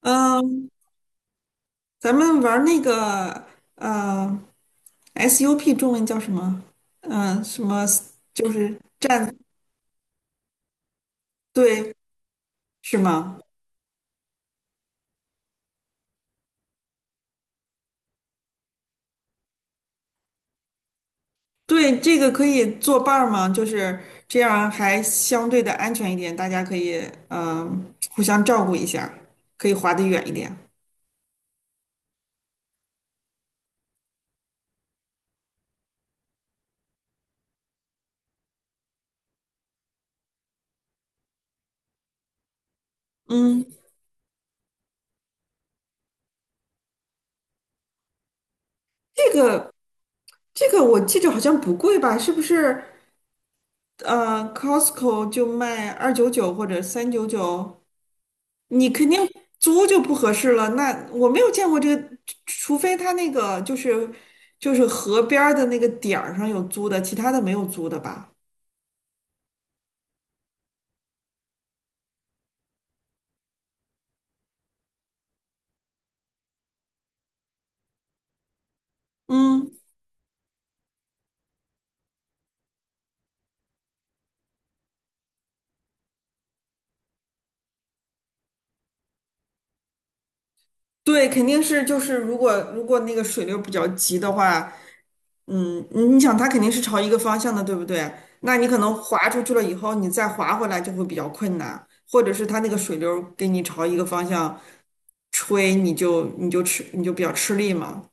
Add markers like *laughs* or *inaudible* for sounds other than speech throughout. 嗯，咱们玩儿那个呃 SUP 中文叫什么？什么就是站队是吗？对，这个可以做伴儿吗？就是这样还相对的安全一点，大家可以互相照顾一下，可以划得远一点。嗯，这个这个我记着好像不贵吧？是不是？Costco 就卖299或者399，你肯定租就不合适了。那我没有见过这个，除非他那个就是河边儿的那个点儿上有租的，其他的没有租的吧？嗯，对，肯定是就是如果那个水流比较急的话，你想它肯定是朝一个方向的，对不对？那你可能滑出去了以后，你再滑回来就会比较困难，或者是它那个水流给你朝一个方向吹，你就比较吃力嘛。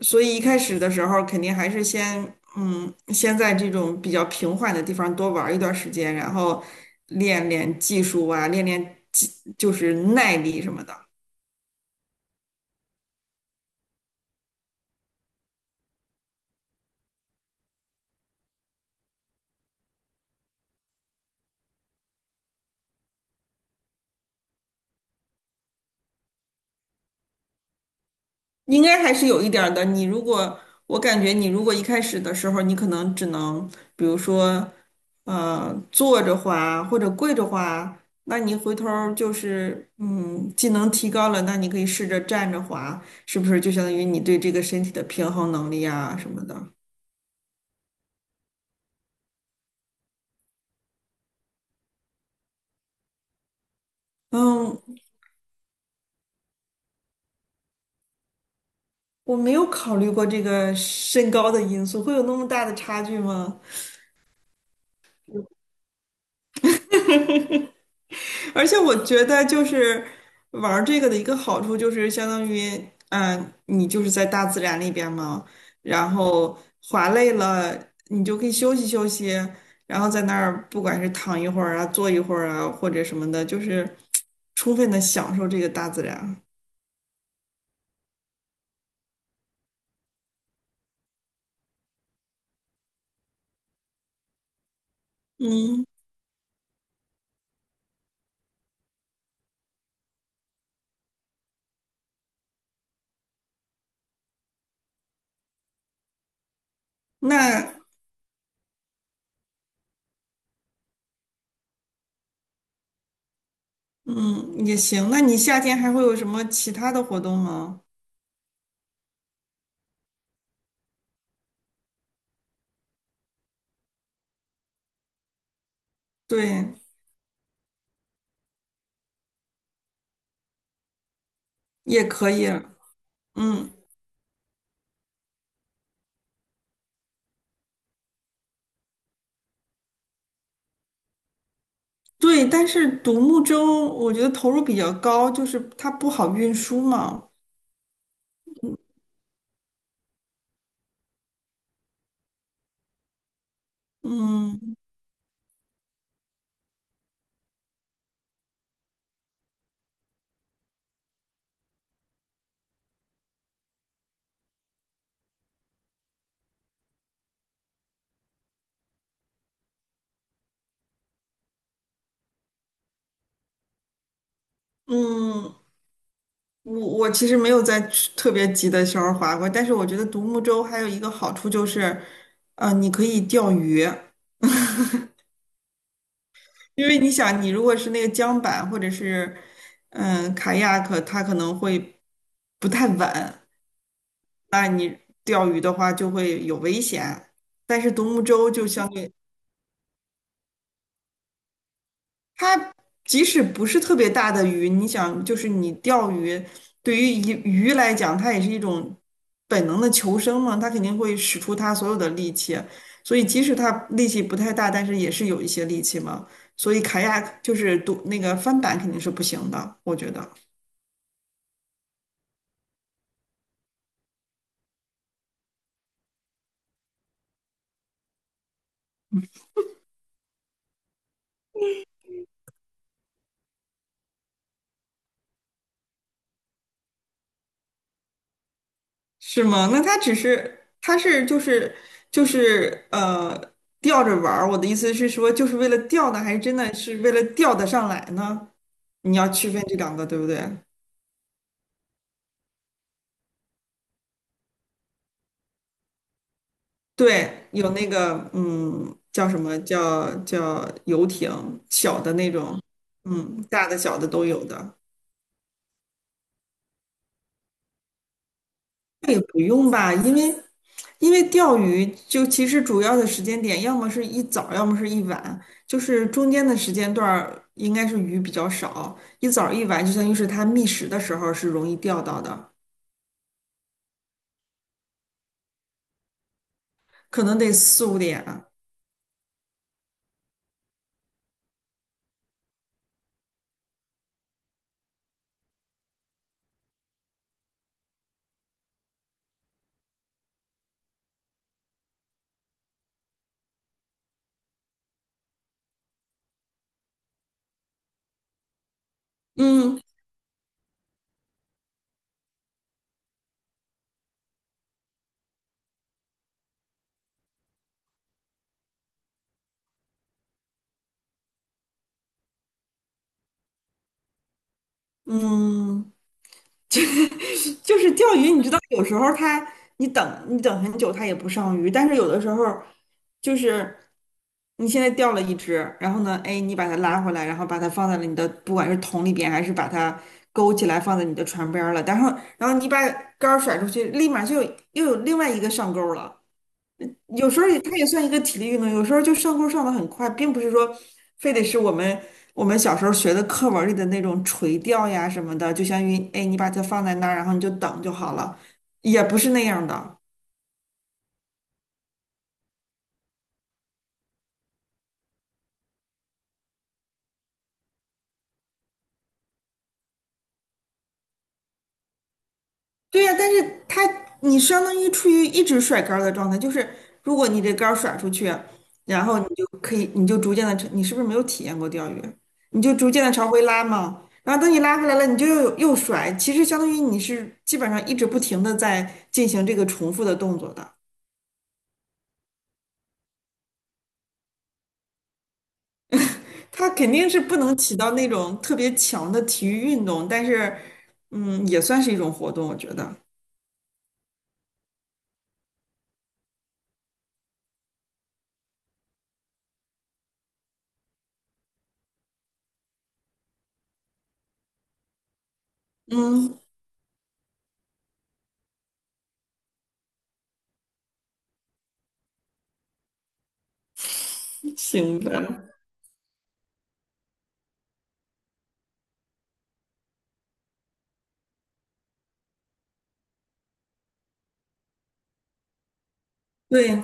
所以一开始的时候，肯定还是先在这种比较平缓的地方多玩一段时间，然后练练技术啊，练练技，就是耐力什么的，应该还是有一点儿的。你如果，我感觉你如果一开始的时候，你可能只能，比如说，坐着滑或者跪着滑，那你回头儿就是，技能提高了，那你可以试着站着滑，是不是就相当于你对这个身体的平衡能力啊什么的？嗯，我没有考虑过这个身高的因素，会有那么大的差距吗？而且我觉得，就是玩儿这个的一个好处，就是相当于，你就是在大自然里边嘛，然后滑累了，你就可以休息休息，然后在那儿不管是躺一会儿啊，坐一会儿啊，或者什么的，就是 *tsk* 充分的享受这个大自然。嗯，那嗯也行。那你夏天还会有什么其他的活动吗？对。也可以，嗯，对，但是独木舟我觉得投入比较高，就是它不好运输嘛，嗯嗯，我其实没有在去特别急的时候划过，但是我觉得独木舟还有一个好处就是，你可以钓鱼，因为你想，你如果是那个桨板或者是卡亚克，它可能会不太稳，那你钓鱼的话就会有危险，但是独木舟就相对。它即使不是特别大的鱼，你想，就是你钓鱼，对于鱼来讲，它也是一种本能的求生嘛，它肯定会使出它所有的力气，所以即使它力气不太大，但是也是有一些力气嘛。所以卡亚就是独那个翻板肯定是不行的，我觉得是吗？那它只是它是就是就是呃钓着玩儿，我的意思是说，就是为了钓呢，还是真的是为了钓得上来呢？你要区分这两个，对不对？对，有那个叫什么叫游艇，小的那种，大的小的都有的。那也不用吧，因为钓鱼就其实主要的时间点，要么是一早，要么是一晚，就是中间的时间段儿应该是鱼比较少，一早一晚就相当于是它觅食的时候是容易钓到的，可能得四五点啊。嗯嗯，*laughs* 就是钓鱼，你知道，有时候你等很久，它也不上鱼，但是有的时候就是你现在钓了一只，然后呢，哎，你把它拉回来，然后把它放在了你的不管是桶里边，还是把它勾起来放在你的船边儿了，然后你把杆儿甩出去，立马又有另外一个上钩了。有时候也它也算一个体力运动，有时候就上钩上的很快，并不是说非得是我们小时候学的课文里的那种垂钓呀什么的，就相当于哎，你把它放在那儿，然后你就等就好了，也不是那样的。对呀，但是你相当于处于一直甩杆儿的状态，就是如果你这杆儿甩出去，然后你就可以，你就逐渐的，你是不是没有体验过钓鱼？你就逐渐的朝回拉嘛，然后等你拉回来了，你就又甩，其实相当于你是基本上一直不停的在进行这个重复的动作的，它肯定是不能起到那种特别强的体育运动，但是也算是一种活动，我觉得，嗯，行吧，对，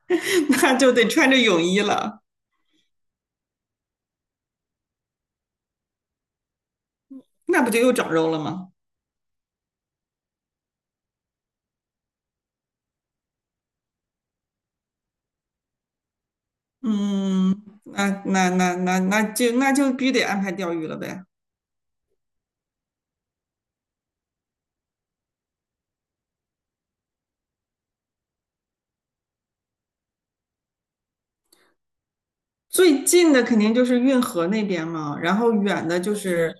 *laughs* 那就得穿着泳衣了。那不就又长肉了吗？嗯，那就必须得安排钓鱼了呗。最近的肯定就是运河那边嘛，然后远的就是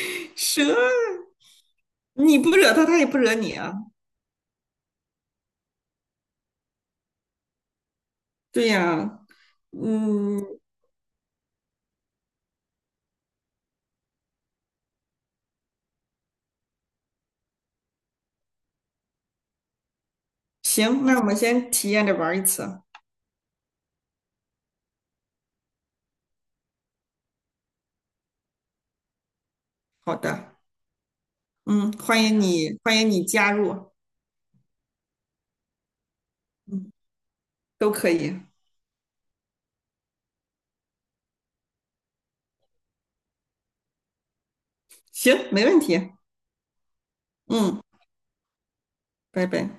*laughs* 蛇，你不惹它，它也不惹你啊。对呀，嗯，行，那我们先体验着玩儿一次。好的，嗯，欢迎你，欢迎你加入，都可以。行，没问题。嗯，拜拜。